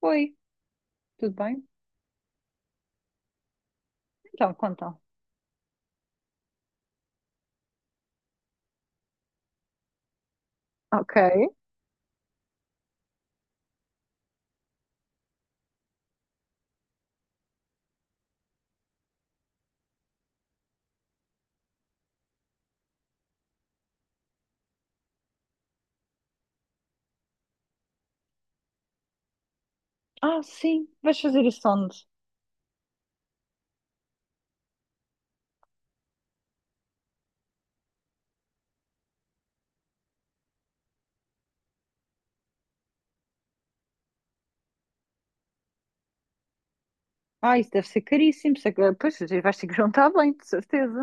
Oi, tudo bem? Então, contam. Ok. Ah, sim, vais fazer isso onde? Ah, isso deve ser caríssimo. Pois, vais ter que juntar bem, de certeza.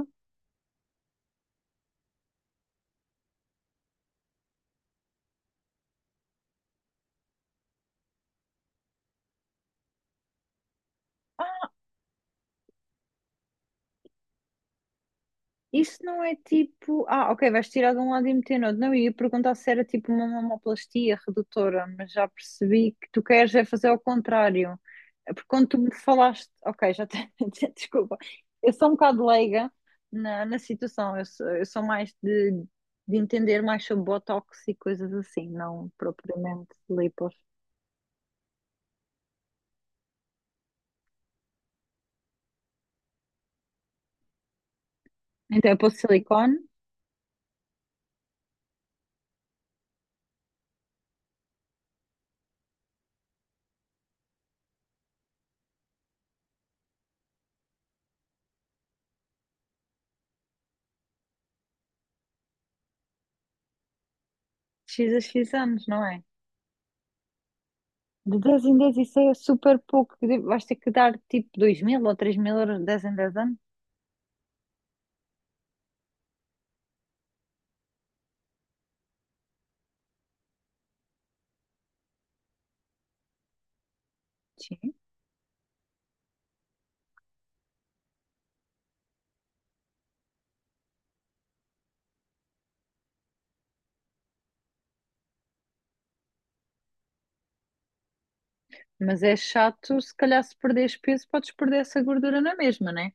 Isso não é tipo, ah, ok, vais tirar de um lado e meter no outro. Não, eu ia perguntar se era tipo uma mamoplastia redutora, mas já percebi que tu queres é fazer ao contrário. É porque quando tu me falaste, ok, já tenho, desculpa, eu sou um bocado leiga na situação, eu sou mais de entender mais sobre botox e coisas assim, não propriamente lipos. Então é posto silicone, x a x anos, não é? De 10 em 10 isso é super pouco. Vais ter que dar tipo 2000 ou 3000 euros de 10 em dez anos. Sim. Mas é chato, se calhar se perderes peso, podes perder essa gordura na mesma, né?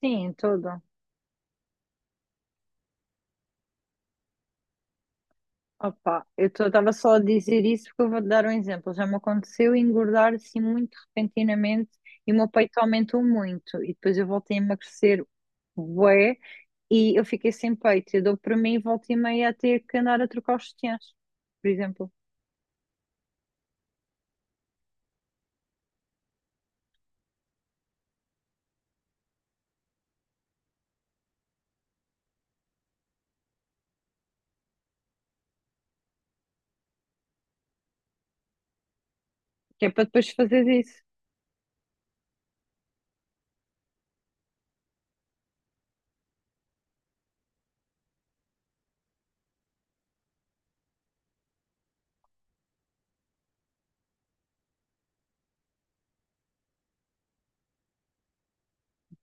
Sim, em todo. Opa, eu estava só a dizer isso porque eu vou-te dar um exemplo. Já me aconteceu engordar assim muito repentinamente e o meu peito aumentou muito. E depois eu voltei a emagrecer bué e eu fiquei sem peito. Eu dou para mim e volta e meia a ter que andar a trocar os sutiãs, por exemplo. Que é para depois fazeres isso.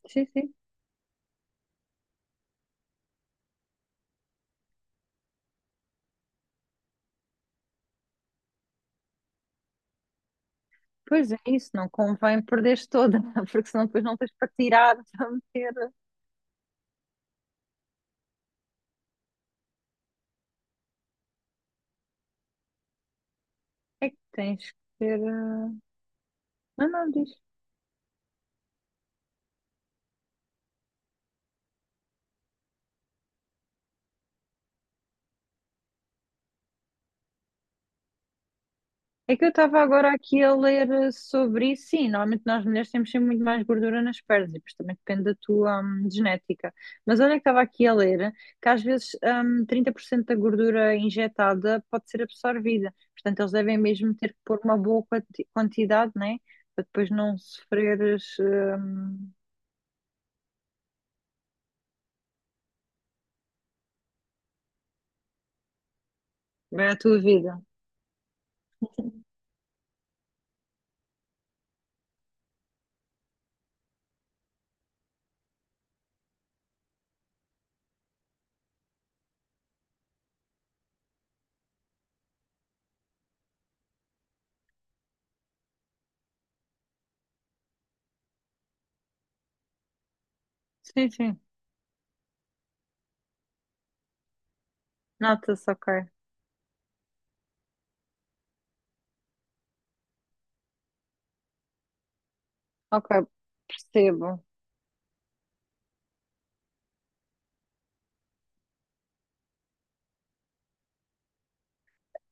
Sim, sim. Pois é isso, não convém perderes toda, porque senão depois não tens para tirar, para meter. É que tens que ter. Não, não, diz. É que eu estava agora aqui a ler sobre isso. Sim, normalmente nós mulheres temos sempre muito mais gordura nas pernas e depois também depende da tua genética. Mas olha que estava aqui a ler que às vezes 30% da gordura injetada pode ser absorvida. Portanto, eles devem mesmo ter que pôr uma boa quantidade, né? Para depois não sofreres bem a tua vida. Sim, sim. Nota-se, ok. Ok, percebo.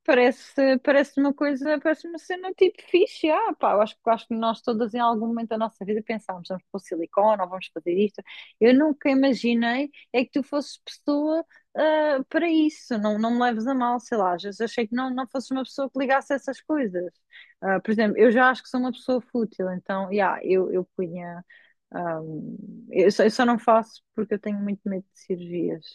Parece uma coisa, parece uma cena tipo fixe, ah, pá, eu acho que nós todas em algum momento da nossa vida pensámos, vamos pôr silicone, ou vamos fazer isto. Eu nunca imaginei é que tu fosses pessoa ah, para isso, não, não me leves a mal, sei lá, às vezes achei que não, não fosses uma pessoa que ligasse a essas coisas. Ah, por exemplo, eu já acho que sou uma pessoa fútil, então, yeah, eu punha, ah, eu só não faço porque eu tenho muito medo de cirurgias.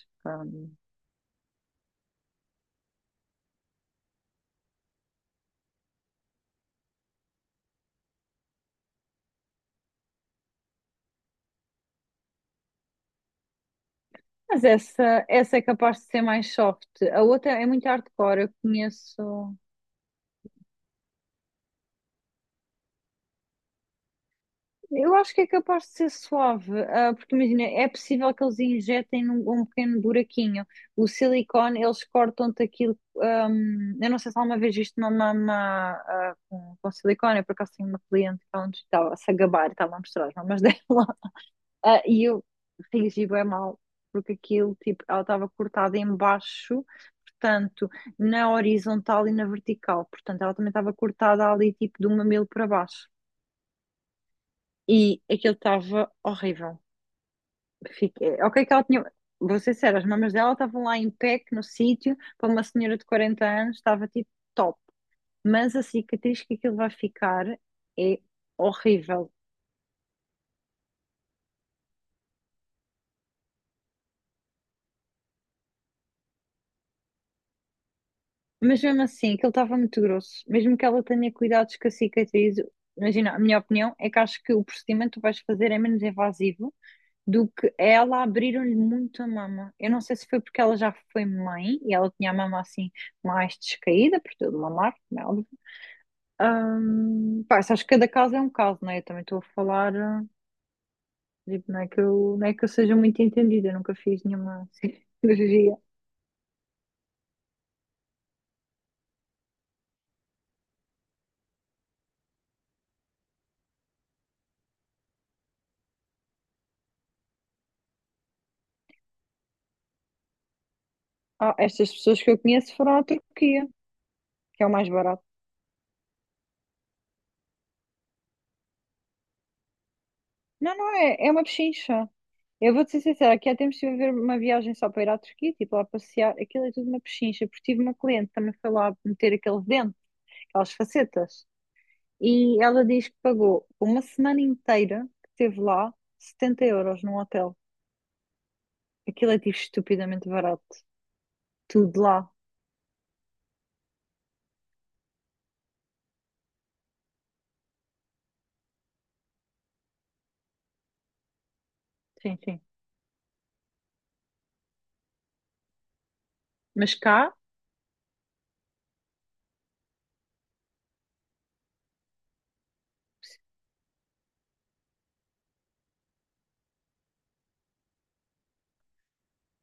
Mas essa é capaz de ser mais soft. A outra é muito hardcore, eu conheço. Eu acho que é capaz de ser suave, ah, porque imagina, é possível que eles injetem num, um pequeno buraquinho. O silicone, eles cortam-te aquilo. Eu não sei se alguma vez viste uma mama ah, com silicone, eu por acaso tenho uma cliente que ela nos estava a se gabar, estava a mostrar as mamas dela. Ah, e eu reagi bem mal, porque aquilo, tipo, ela estava cortada em baixo, portanto, na horizontal e na vertical. Portanto, ela também estava cortada ali, tipo, do mamilo para baixo. E aquilo estava horrível. Fiquei... Ok, que ela tinha... Vou ser sério, as mamas dela estavam lá em pé, que no sítio, para uma senhora de 40 anos, estava, tipo, top. Mas a cicatriz que aquilo vai ficar é horrível. Mas mesmo assim, aquilo estava muito grosso. Mesmo que ela tenha cuidados com a cicatriz, imagina, a minha opinião é que acho que o procedimento que tu vais fazer é menos invasivo do que ela abriram-lhe muito a mama. Eu não sei se foi porque ela já foi mãe e ela tinha a mama assim mais descaída, por tudo mamar, como é óbvio. Pá, isso acho que cada caso é um caso, não é? Eu também estou a falar, ah, tipo, não é que eu seja muito entendida, eu nunca fiz nenhuma cirurgia. Ah, estas pessoas que eu conheço foram à Turquia, que é o mais barato. Não, não, é, é uma pechincha. Eu vou-te ser sincera, aqui há tempos estive a ver uma viagem só para ir à Turquia, tipo lá passear, aquilo é tudo uma pechincha, porque tive uma cliente que também foi lá meter aquele dente, aquelas facetas, e ela diz que pagou uma semana inteira que esteve lá 70 euros num hotel. Aquilo é tipo estupidamente barato, tudo lá. Sim, sim. Mas cá,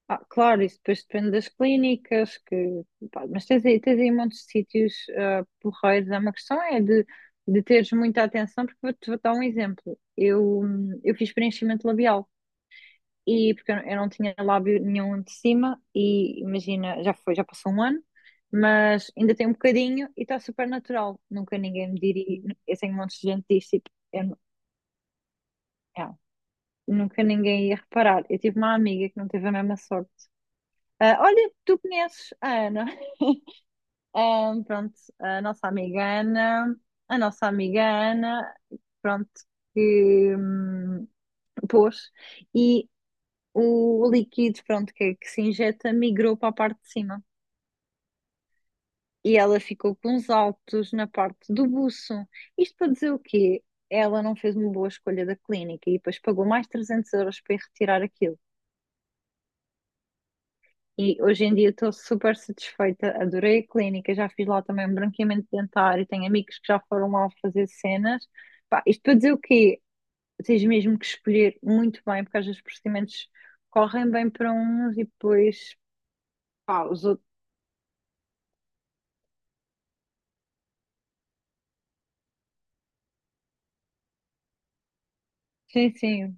ah, claro, isso depois depende das clínicas, que, pá, mas tens aí montes de sítios ah, porreiros. É uma questão é de teres muita atenção, porque vou-te vou dar um exemplo. Eu fiz preenchimento labial e porque eu, não tinha lábio nenhum de cima e imagina, já foi, já passou um ano, mas ainda tem um bocadinho e está super natural. Nunca ninguém me diria, eu tenho montes de gente que diz, tipo, eu não- é, nunca ninguém ia reparar. Eu tive uma amiga que não teve a mesma sorte. Ah, olha, tu conheces a Ana? Pronto, a nossa amiga Ana, a nossa amiga Ana, pronto, que pôs, e o líquido, pronto, que, é que se injeta migrou para a parte de cima. E ela ficou com os altos na parte do buço. Isto para dizer o quê? Ela não fez uma boa escolha da clínica e depois pagou mais 300 euros para ir retirar aquilo. E hoje em dia estou super satisfeita, adorei a clínica, já fiz lá também um branqueamento dentário, tenho amigos que já foram lá fazer cenas. Pá, isto para dizer o quê? Tens mesmo que escolher muito bem, porque às vezes os procedimentos correm bem para uns e depois, pá, os outros. Sim, sim,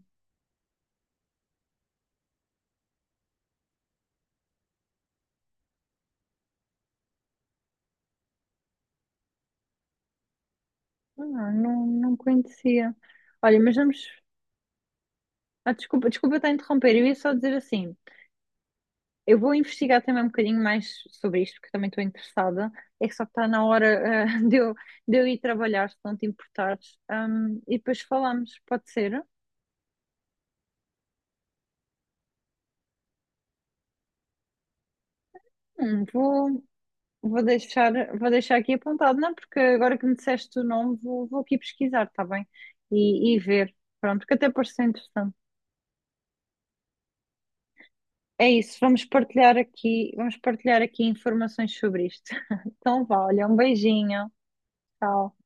não, não, não conhecia. Olha, mas vamos. Ah, desculpa estar a interromper, eu ia só dizer assim. Eu vou investigar também um bocadinho mais sobre isto, porque também estou interessada. É que só que está na hora, eh, de eu, de eu ir trabalhar, se não te importares. E depois falamos, pode ser? Hum, vou, vou deixar, vou deixar aqui apontado, não? Porque agora que me disseste o nome, vou aqui pesquisar, está bem? E ver. Pronto, que até pareceu interessante. É isso, vamos partilhar aqui informações sobre isto. Então vá, olha, um beijinho. Tchau.